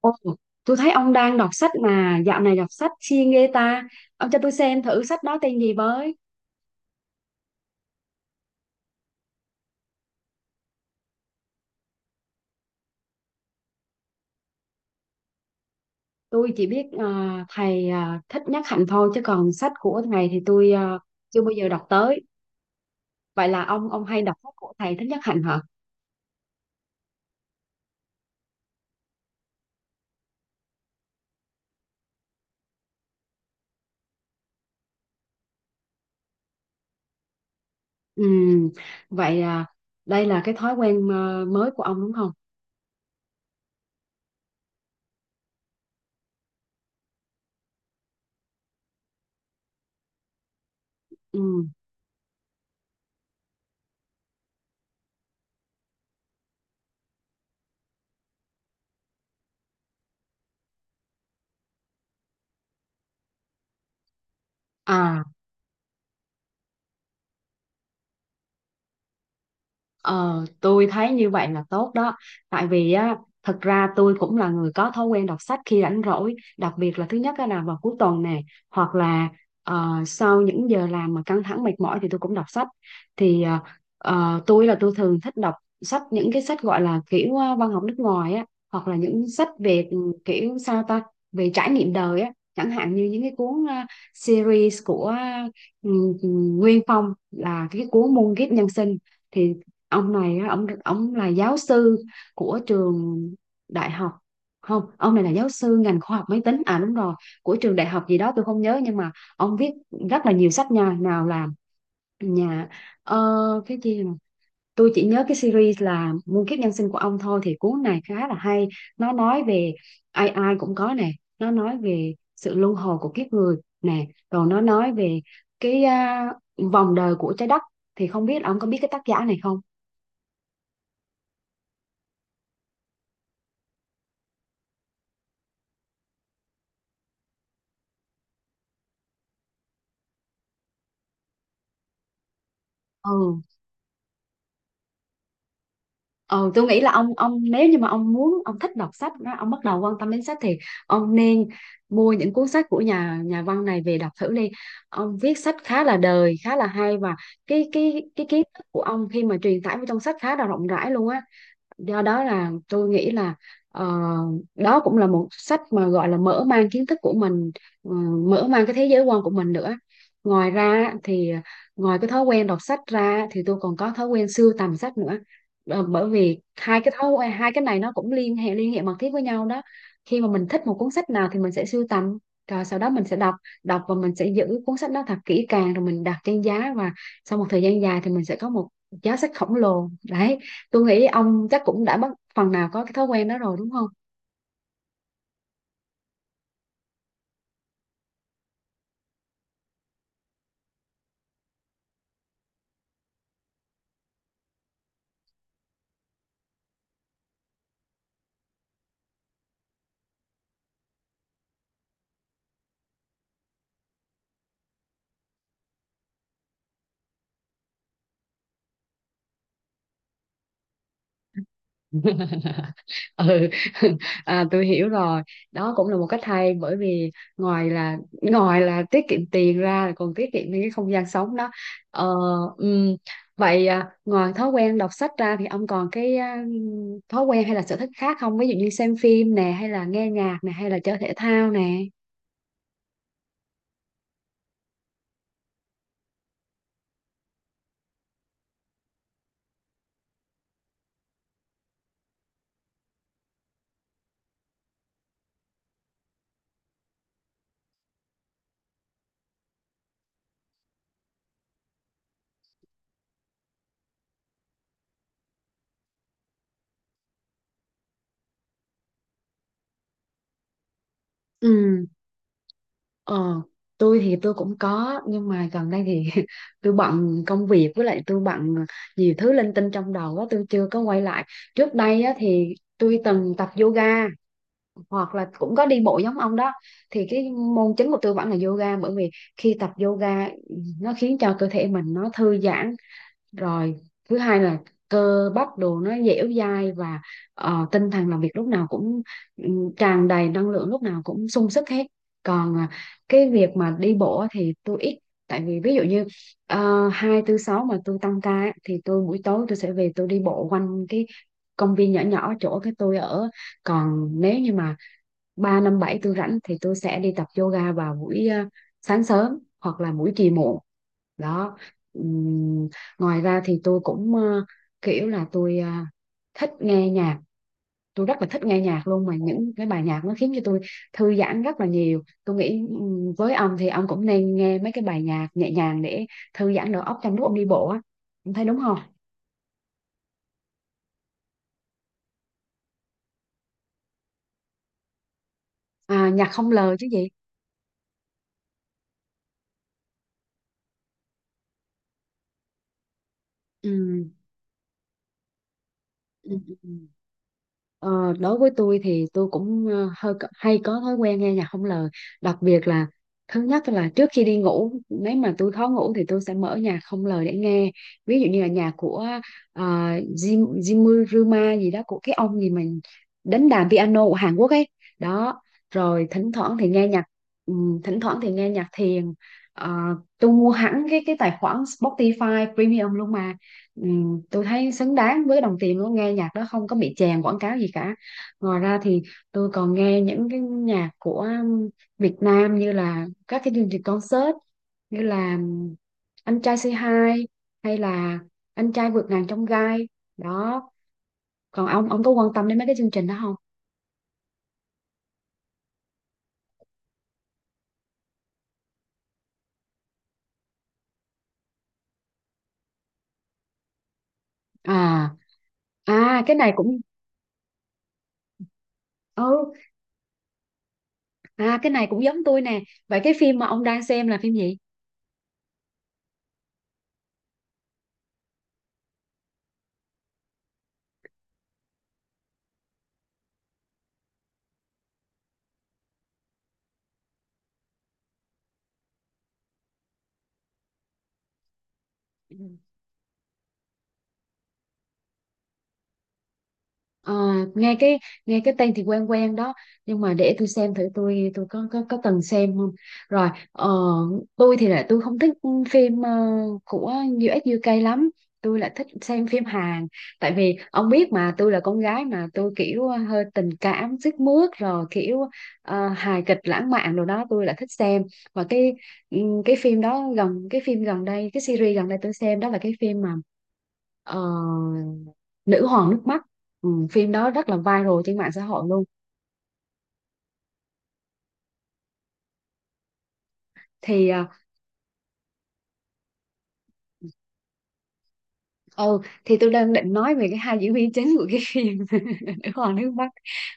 Ồ, tôi thấy ông đang đọc sách mà dạo này đọc sách siêng ghê ta. Ông cho tôi xem thử sách đó tên gì với. Tôi chỉ biết thầy Thích Nhất Hạnh thôi chứ còn sách của thầy thì tôi chưa bao giờ đọc tới. Vậy là ông hay đọc sách của thầy Thích Nhất Hạnh hả? Ừ, vậy à, đây là cái thói quen mới của ông đúng không? Ừ. À. Ờ, tôi thấy như vậy là tốt đó. Tại vì á, thật ra tôi cũng là người có thói quen đọc sách khi rảnh rỗi. Đặc biệt là thứ nhất á là vào cuối tuần nè, hoặc là sau những giờ làm mà căng thẳng mệt mỏi thì tôi cũng đọc sách. Thì ờ, tôi là tôi thường thích đọc sách, những cái sách gọi là kiểu văn học nước ngoài á, hoặc là những sách về kiểu sao ta, về trải nghiệm đời á. Chẳng hạn như những cái cuốn series của ừ, Nguyên Phong, là cái cuốn Muôn kiếp nhân sinh. Thì ông này á, ông là giáo sư của trường đại học, không, ông này là giáo sư ngành khoa học máy tính, à đúng rồi, của trường đại học gì đó tôi không nhớ. Nhưng mà ông viết rất là nhiều sách nha, nào là nhà ờ, cái tôi chỉ nhớ cái series là Muôn kiếp nhân sinh của ông thôi. Thì cuốn này khá là hay, nó nói về ai ai cũng có nè, nó nói về sự luân hồi của kiếp người nè, rồi nó nói về cái à, vòng đời của trái đất. Thì không biết ông có biết cái tác giả này không. Ừ. Ừ, tôi nghĩ là ông nếu như mà ông muốn, ông thích đọc sách đó, ông bắt đầu quan tâm đến sách, thì ông nên mua những cuốn sách của nhà nhà văn này về đọc thử đi. Ông viết sách khá là đời, khá là hay, và cái kiến thức của ông khi mà truyền tải vào trong sách khá là rộng rãi luôn á. Do đó là tôi nghĩ là ờ, đó cũng là một sách mà gọi là mở mang kiến thức của mình, ờ, mở mang cái thế giới quan của mình nữa. Ngoài ra thì ngoài cái thói quen đọc sách ra thì tôi còn có thói quen sưu tầm sách nữa. Ờ, bởi vì hai cái thói quen, hai cái này nó cũng liên hệ mật thiết với nhau đó. Khi mà mình thích một cuốn sách nào thì mình sẽ sưu tầm, rồi sau đó mình sẽ đọc, và mình sẽ giữ cuốn sách đó thật kỹ càng, rồi mình đặt trên giá, và sau một thời gian dài thì mình sẽ có một giá sách khổng lồ đấy. Tôi nghĩ ông chắc cũng đã bắt phần nào có cái thói quen đó rồi đúng không? Ừ. À, tôi hiểu rồi, đó cũng là một cách hay. Bởi vì ngoài là ngoài là tiết kiệm tiền ra là còn tiết kiệm những cái không gian sống đó. ờ, ừm, Vậy à, ngoài thói quen đọc sách ra thì ông còn cái à, thói quen hay là sở thích khác không, ví dụ như xem phim nè, hay là nghe nhạc nè, hay là chơi thể thao nè? Ừ. Ờ, tôi thì tôi cũng có, nhưng mà gần đây thì tôi bận công việc, với lại tôi bận nhiều thứ linh tinh trong đầu quá, tôi chưa có quay lại. Trước đây á, thì tôi từng tập yoga hoặc là cũng có đi bộ giống ông đó. Thì cái môn chính của tôi vẫn là yoga, bởi vì khi tập yoga nó khiến cho cơ thể mình nó thư giãn, rồi thứ hai là cơ bắp đồ nó dẻo dai, và tinh thần làm việc lúc nào cũng tràn đầy năng lượng, lúc nào cũng sung sức hết. Còn à, cái việc mà đi bộ á thì tôi ít. Tại vì ví dụ như hai tư sáu mà tôi tăng ca á, thì tôi buổi tối tôi sẽ về tôi đi bộ quanh cái công viên nhỏ nhỏ chỗ cái tôi ở. Còn nếu như mà 3 năm 7 tôi rảnh thì tôi sẽ đi tập yoga vào buổi sáng sớm hoặc là buổi chiều muộn đó. Ừm, ngoài ra thì tôi cũng kiểu là tôi thích nghe nhạc, tôi rất là thích nghe nhạc luôn. Mà những cái bài nhạc nó khiến cho tôi thư giãn rất là nhiều. Tôi nghĩ với ông thì ông cũng nên nghe mấy cái bài nhạc nhẹ nhàng để thư giãn đầu óc trong lúc ông đi bộ á, ông thấy đúng không? À, nhạc không lời chứ gì. Ừ. Ừ. Ờ, đối với tôi thì tôi cũng hơi hay có thói quen nghe nhạc không lời. Đặc biệt là thứ nhất là trước khi đi ngủ, nếu mà tôi khó ngủ thì tôi sẽ mở nhạc không lời để nghe. Ví dụ như là nhạc của ờ, Jim Jimmy Rima gì đó, của cái ông gì mà đánh đàn piano của Hàn Quốc ấy, đó. Rồi thỉnh thoảng thì nghe nhạc thỉnh thoảng thì nghe nhạc thiền. Ờ, tôi mua hẳn cái tài khoản Spotify Premium luôn mà. Ừ, tôi thấy xứng đáng với đồng tiền luôn, nghe nhạc đó không có bị chèn quảng cáo gì cả. Ngoài ra thì tôi còn nghe những cái nhạc của Việt Nam, như là các cái chương trình concert như là Anh trai Say Hi hay là Anh trai vượt ngàn chông gai, đó. Còn ông có quan tâm đến mấy cái chương trình đó không? À. À, cái này cũng, ừ, à cái này cũng giống tôi nè. Vậy cái phim mà ông đang xem là phim gì? Ờ, nghe cái, nghe cái tên thì quen quen đó, nhưng mà để tôi xem thử tôi, tôi có từng xem không. Rồi tôi thì là tôi không thích phim của US UK lắm, tôi là thích xem phim Hàn. Tại vì ông biết mà, tôi là con gái mà, tôi kiểu hơi tình cảm sức mướt rồi, kiểu hài kịch lãng mạn rồi đó, tôi là thích xem. Và cái ừ, cái phim đó gần, cái phim gần đây, cái series gần đây tôi xem đó là cái phim mà ờ, Nữ hoàng nước mắt. Ừ, phim đó rất là viral trên mạng xã hội luôn. Thì ờ, ừ, thì tôi đang định nói về cái hai diễn viên chính của cái phim Nữ hoàng nước Bắc.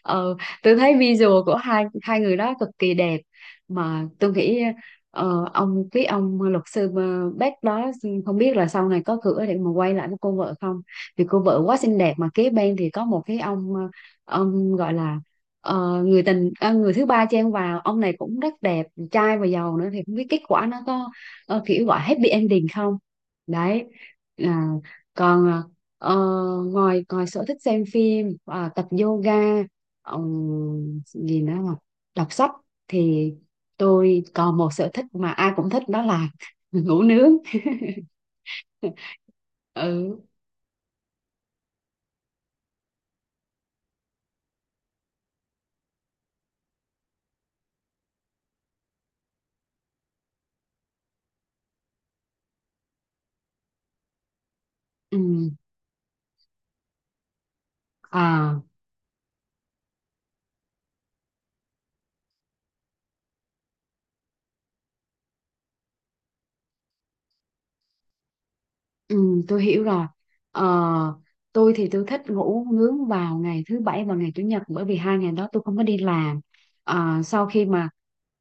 Ờ, tôi thấy visual của hai hai người đó cực kỳ đẹp. Mà tôi nghĩ ông, cái ông luật sư Beck đó, không biết là sau này có cửa để mà quay lại với cô vợ không, vì cô vợ quá xinh đẹp. Mà kế bên thì có một cái ông ông gọi là người tình, người thứ ba chen vào, ông này cũng rất đẹp trai và giàu nữa. Thì không biết kết quả nó có kiểu gọi happy ending không, đấy. À, còn à, Ờ, ngoài, ngoài sở thích xem phim, à, tập yoga, gì nữa mà, đọc sách, thì tôi còn một sở thích mà ai cũng thích, đó là ngủ nướng. Ừ, ừ. Ừ, tôi hiểu rồi. Ờ, tôi thì tôi thích ngủ nướng vào ngày thứ bảy và ngày chủ nhật, bởi vì hai ngày đó tôi không có đi làm. Ờ, sau khi mà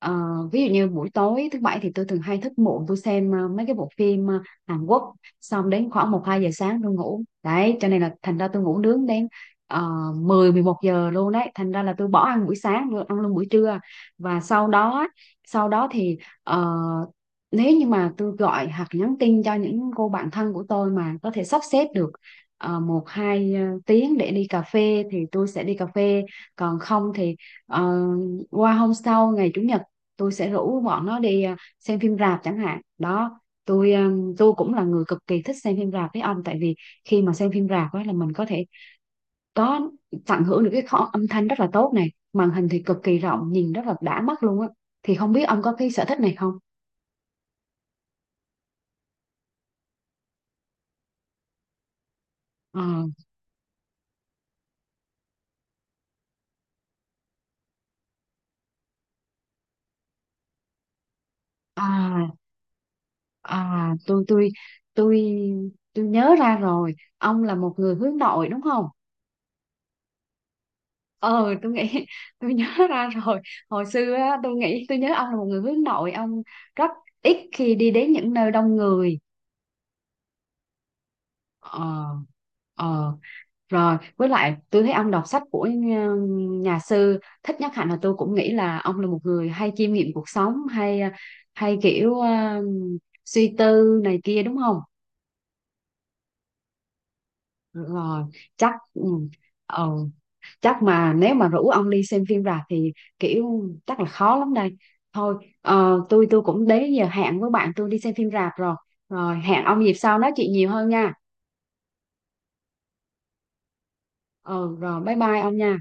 ờ, ví dụ như buổi tối thứ bảy thì tôi thường hay thức muộn, tôi xem mấy cái bộ phim Hàn Quốc, xong đến khoảng một 2 giờ sáng tôi ngủ. Đấy, cho nên là thành ra tôi ngủ nướng đến uh, 10 11 giờ luôn đấy, thành ra là tôi bỏ ăn buổi sáng, tôi ăn luôn buổi trưa. Và sau đó, sau đó thì ờ, nếu như mà tôi gọi hoặc nhắn tin cho những cô bạn thân của tôi mà có thể sắp xếp được một hai tiếng để đi cà phê thì tôi sẽ đi cà phê. Còn không thì ờ, qua hôm sau ngày chủ nhật tôi sẽ rủ bọn nó đi xem phim rạp chẳng hạn đó. tôi ờ, tôi cũng là người cực kỳ thích xem phim rạp với ông. Tại vì khi mà xem phim rạp ấy là mình có thể có, tận hưởng được cái kho âm thanh rất là tốt này, màn hình thì cực kỳ rộng nhìn rất là đã mắt luôn á. Thì không biết ông có cái sở thích này không? Ờ. À, À, tôi tôi nhớ ra rồi, ông là một người hướng nội đúng không? Ờ tôi nghĩ tôi nhớ ra rồi, hồi xưa á, tôi nghĩ tôi nhớ ông là một người hướng nội, ông rất ít khi đi đến những nơi đông người. ờ ờ Rồi với lại tôi thấy ông đọc sách của nhà, nhà sư Thích Nhất Hạnh, là tôi cũng nghĩ là ông là một người hay chiêm nghiệm cuộc sống, hay hay kiểu suy tư này kia đúng không? Rồi, chắc ừ. Ờ, chắc mà nếu mà rủ ông đi xem phim rạp thì kiểu chắc là khó lắm đây. Thôi tôi cũng đến giờ hẹn với bạn tôi đi xem phim rạp rồi, rồi hẹn ông dịp sau nói chuyện nhiều hơn nha. Ừ, rồi bye bye ông nha.